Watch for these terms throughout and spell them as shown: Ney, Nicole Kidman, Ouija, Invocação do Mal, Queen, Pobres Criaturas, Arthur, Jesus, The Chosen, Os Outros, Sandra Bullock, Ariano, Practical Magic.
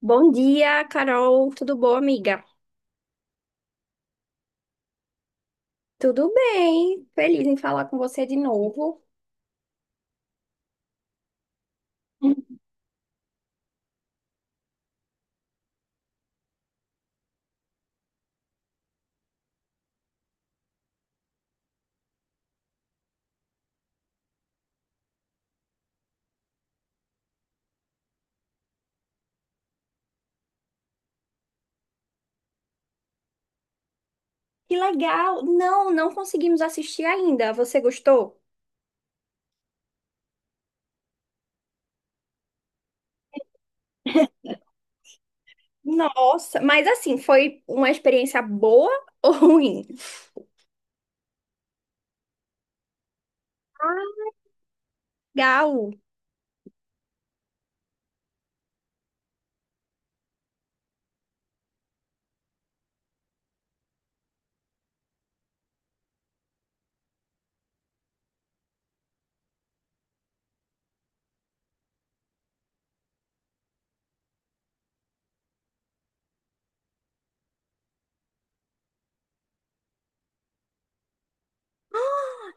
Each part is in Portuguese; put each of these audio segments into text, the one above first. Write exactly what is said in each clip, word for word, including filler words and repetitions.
Bom dia, Carol. Tudo bom, amiga? Tudo bem. Feliz em falar com você de novo. Hum. Que legal. Não, não conseguimos assistir ainda. Você gostou? Nossa, mas assim, foi uma experiência boa ou ruim? Legal.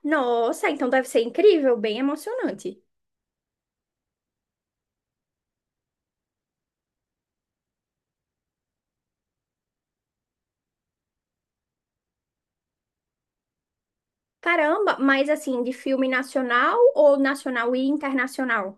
Nossa, então deve ser incrível, bem emocionante. Caramba, mas assim, de filme nacional ou nacional e internacional?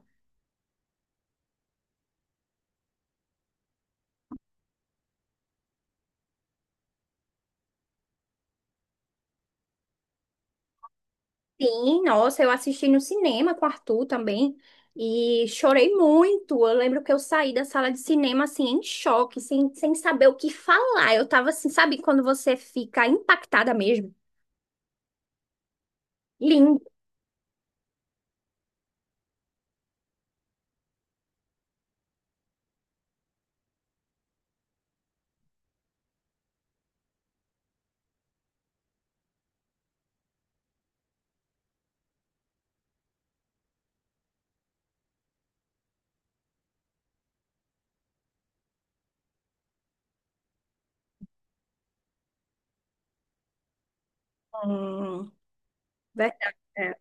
Sim, nossa, eu assisti no cinema com o Arthur também e chorei muito. Eu lembro que eu saí da sala de cinema assim em choque, sem, sem saber o que falar. Eu tava assim, sabe quando você fica impactada mesmo? Lindo. Hum, verdade. É.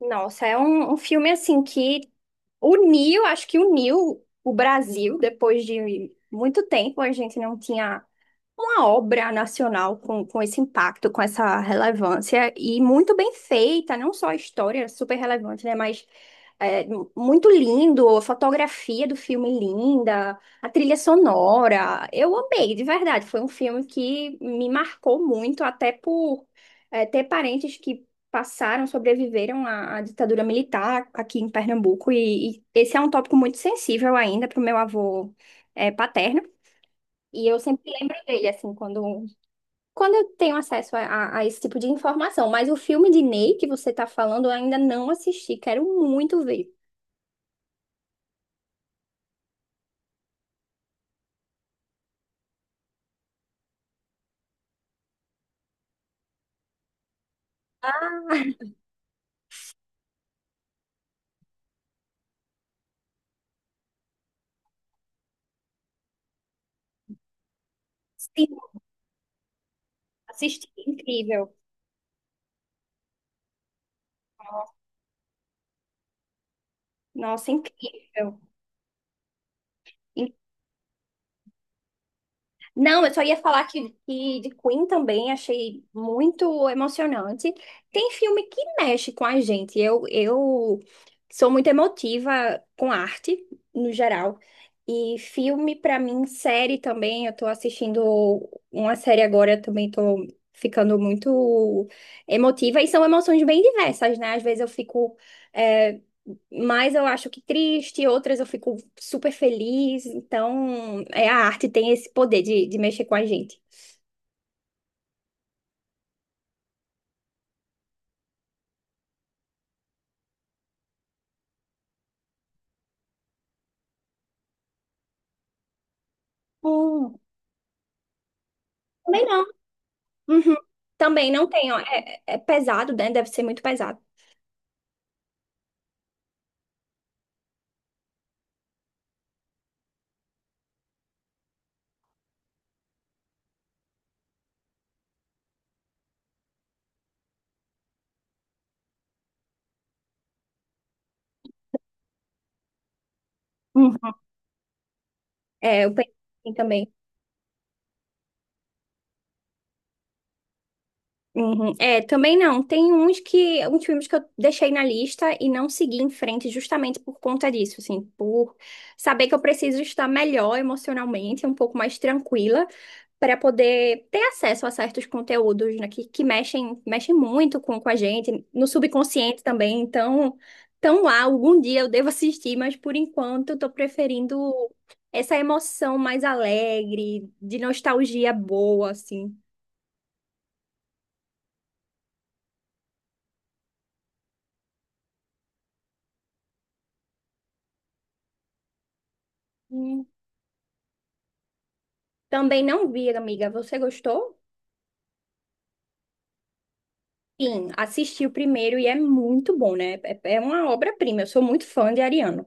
Nossa, é um, um filme assim que uniu, acho que uniu o Brasil depois de muito tempo. A gente não tinha uma obra nacional com, com esse impacto, com essa relevância e muito bem feita, não só a história super relevante, né, mas é, muito lindo, a fotografia do filme linda, a trilha sonora. Eu amei, de verdade. Foi um filme que me marcou muito, até por é, ter parentes que passaram, sobreviveram à, à ditadura militar aqui em Pernambuco e, e esse é um tópico muito sensível ainda para o meu avô é, paterno. E eu sempre lembro dele, assim, quando, quando eu tenho acesso a, a- a esse tipo de informação. Mas o filme de Ney que você tá falando, eu ainda não assisti. Quero muito ver. Sim, assisti. Incrível. Nossa, incrível. Não, eu só ia falar que, que de Queen também achei muito emocionante. Tem filme que mexe com a gente. Eu, eu sou muito emotiva com arte, no geral. E filme, pra mim, série também. Eu tô assistindo uma série agora, eu também tô ficando muito emotiva. E são emoções bem diversas, né? Às vezes eu fico. eh, mas eu acho que triste, outras eu fico super feliz. Então, é, a arte tem esse poder de, de mexer com a gente. Hum, também não. Uhum. Também não tem, ó, é, é pesado, né? Deve ser muito pesado. Uhum. É, eu penso assim também. Uhum. É, também não. Tem uns que, uns filmes que eu deixei na lista e não segui em frente justamente por conta disso, assim, por saber que eu preciso estar melhor emocionalmente, um pouco mais tranquila. Para poder ter acesso a certos conteúdos, né, que, que mexem, mexem muito com, com a gente, no subconsciente também. Então, tão lá, algum dia eu devo assistir, mas por enquanto eu estou preferindo essa emoção mais alegre, de nostalgia boa, assim. Hum. Também não vi, amiga. Você gostou? Sim, assisti o primeiro e é muito bom, né? É é é uma obra-prima. Eu sou muito fã de Ariano.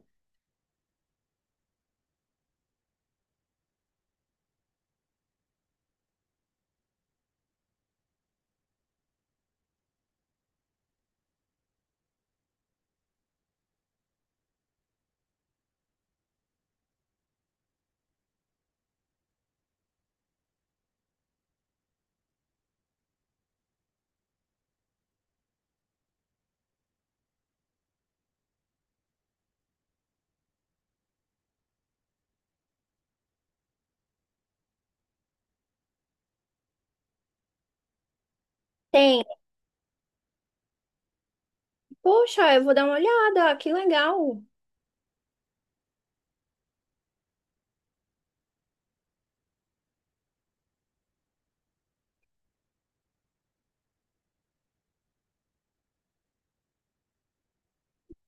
Tem. Poxa, eu vou dar uma olhada. Que legal.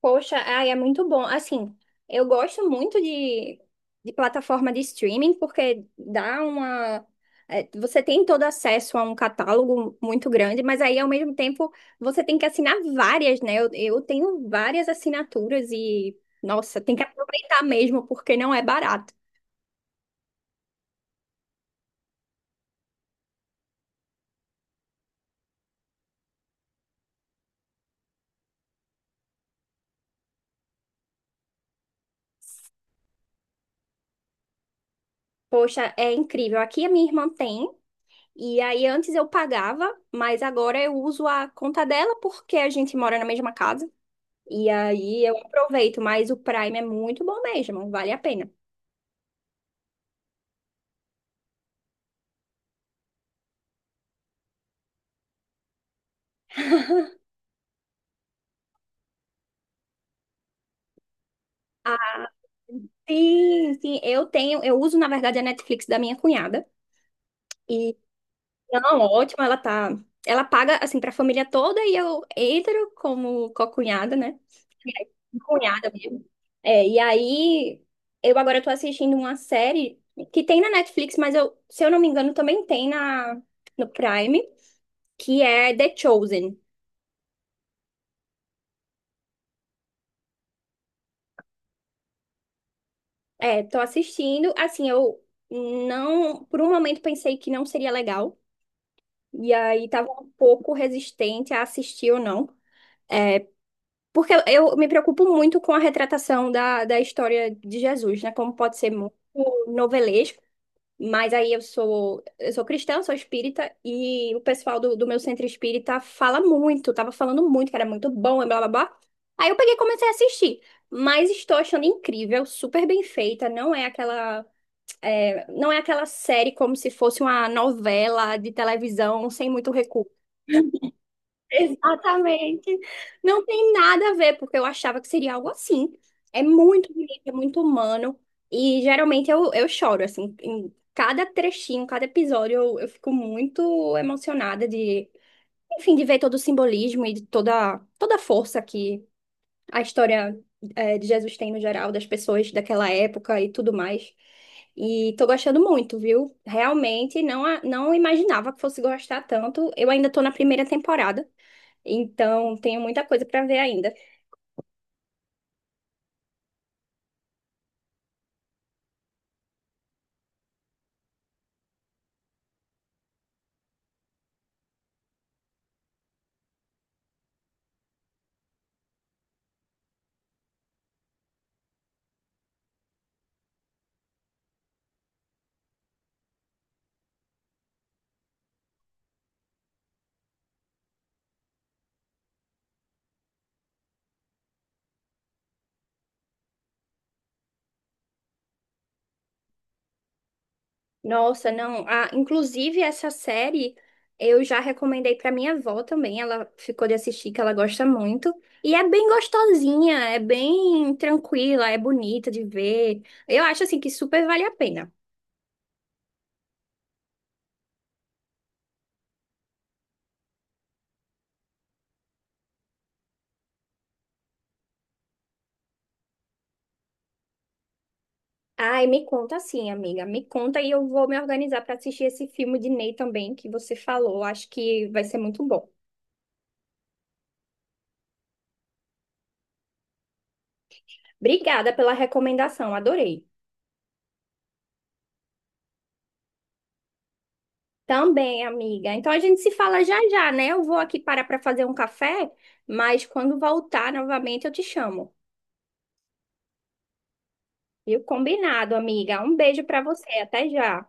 Poxa, ai, é muito bom. Assim, eu gosto muito de, de plataforma de streaming porque dá uma. é, Você tem todo acesso a um catálogo muito grande, mas aí ao mesmo tempo você tem que assinar várias, né? Eu, eu tenho várias assinaturas e, nossa, tem que aproveitar mesmo porque não é barato. Poxa, é incrível. Aqui a minha irmã tem, e aí antes eu pagava, mas agora eu uso a conta dela porque a gente mora na mesma casa. E aí eu aproveito, mas o Prime é muito bom mesmo, vale a pena. Ah, sim, sim, eu tenho, eu uso na verdade a Netflix da minha cunhada. E não, ótimo, ela tá, ela paga assim pra família toda e eu entro como co-cunhada, né? Cunhada mesmo. É, e aí eu agora tô assistindo uma série que tem na Netflix, mas eu, se eu não me engano, também tem na no Prime, que é The Chosen. É, tô assistindo. Assim, eu não, por um momento pensei que não seria legal. E aí tava um pouco resistente a assistir ou não. Porque eu, eu me preocupo muito com a retratação da, da história de Jesus, né? Como pode ser muito novelesco. Mas aí eu sou, eu sou cristã, sou espírita, e o pessoal do, do meu centro espírita fala muito, tava falando muito que era muito bom e blá blá blá. Aí eu peguei e comecei a assistir. Mas estou achando incrível, super bem feita, não é aquela é, não é aquela série como se fosse uma novela de televisão sem muito recurso. Exatamente. Não tem nada a ver, porque eu achava que seria algo assim. É muito bonito, é muito humano. E geralmente eu, eu choro, assim, em cada trechinho, cada episódio, eu, eu fico muito emocionada de, enfim, de ver todo o simbolismo e de toda, toda a força que a história é, de Jesus tem no geral, das pessoas daquela época e tudo mais. E tô gostando muito, viu? Realmente não, a- não imaginava que fosse gostar tanto. Eu ainda tô na primeira temporada, então tenho muita coisa pra ver ainda. Nossa, não. Ah, inclusive, essa série eu já recomendei pra minha avó também. Ela ficou de assistir, que ela gosta muito. E é bem gostosinha, é bem tranquila, é bonita de ver. Eu acho assim que super vale a pena. Ai, me conta sim, amiga. Me conta e eu vou me organizar para assistir esse filme de Ney também que você falou. Acho que vai ser muito bom. Obrigada pela recomendação, adorei. Também, amiga. Então a gente se fala já já, né? Eu vou aqui parar para fazer um café, mas quando voltar novamente eu te chamo. Viu? Combinado, amiga. Um beijo para você. Até já.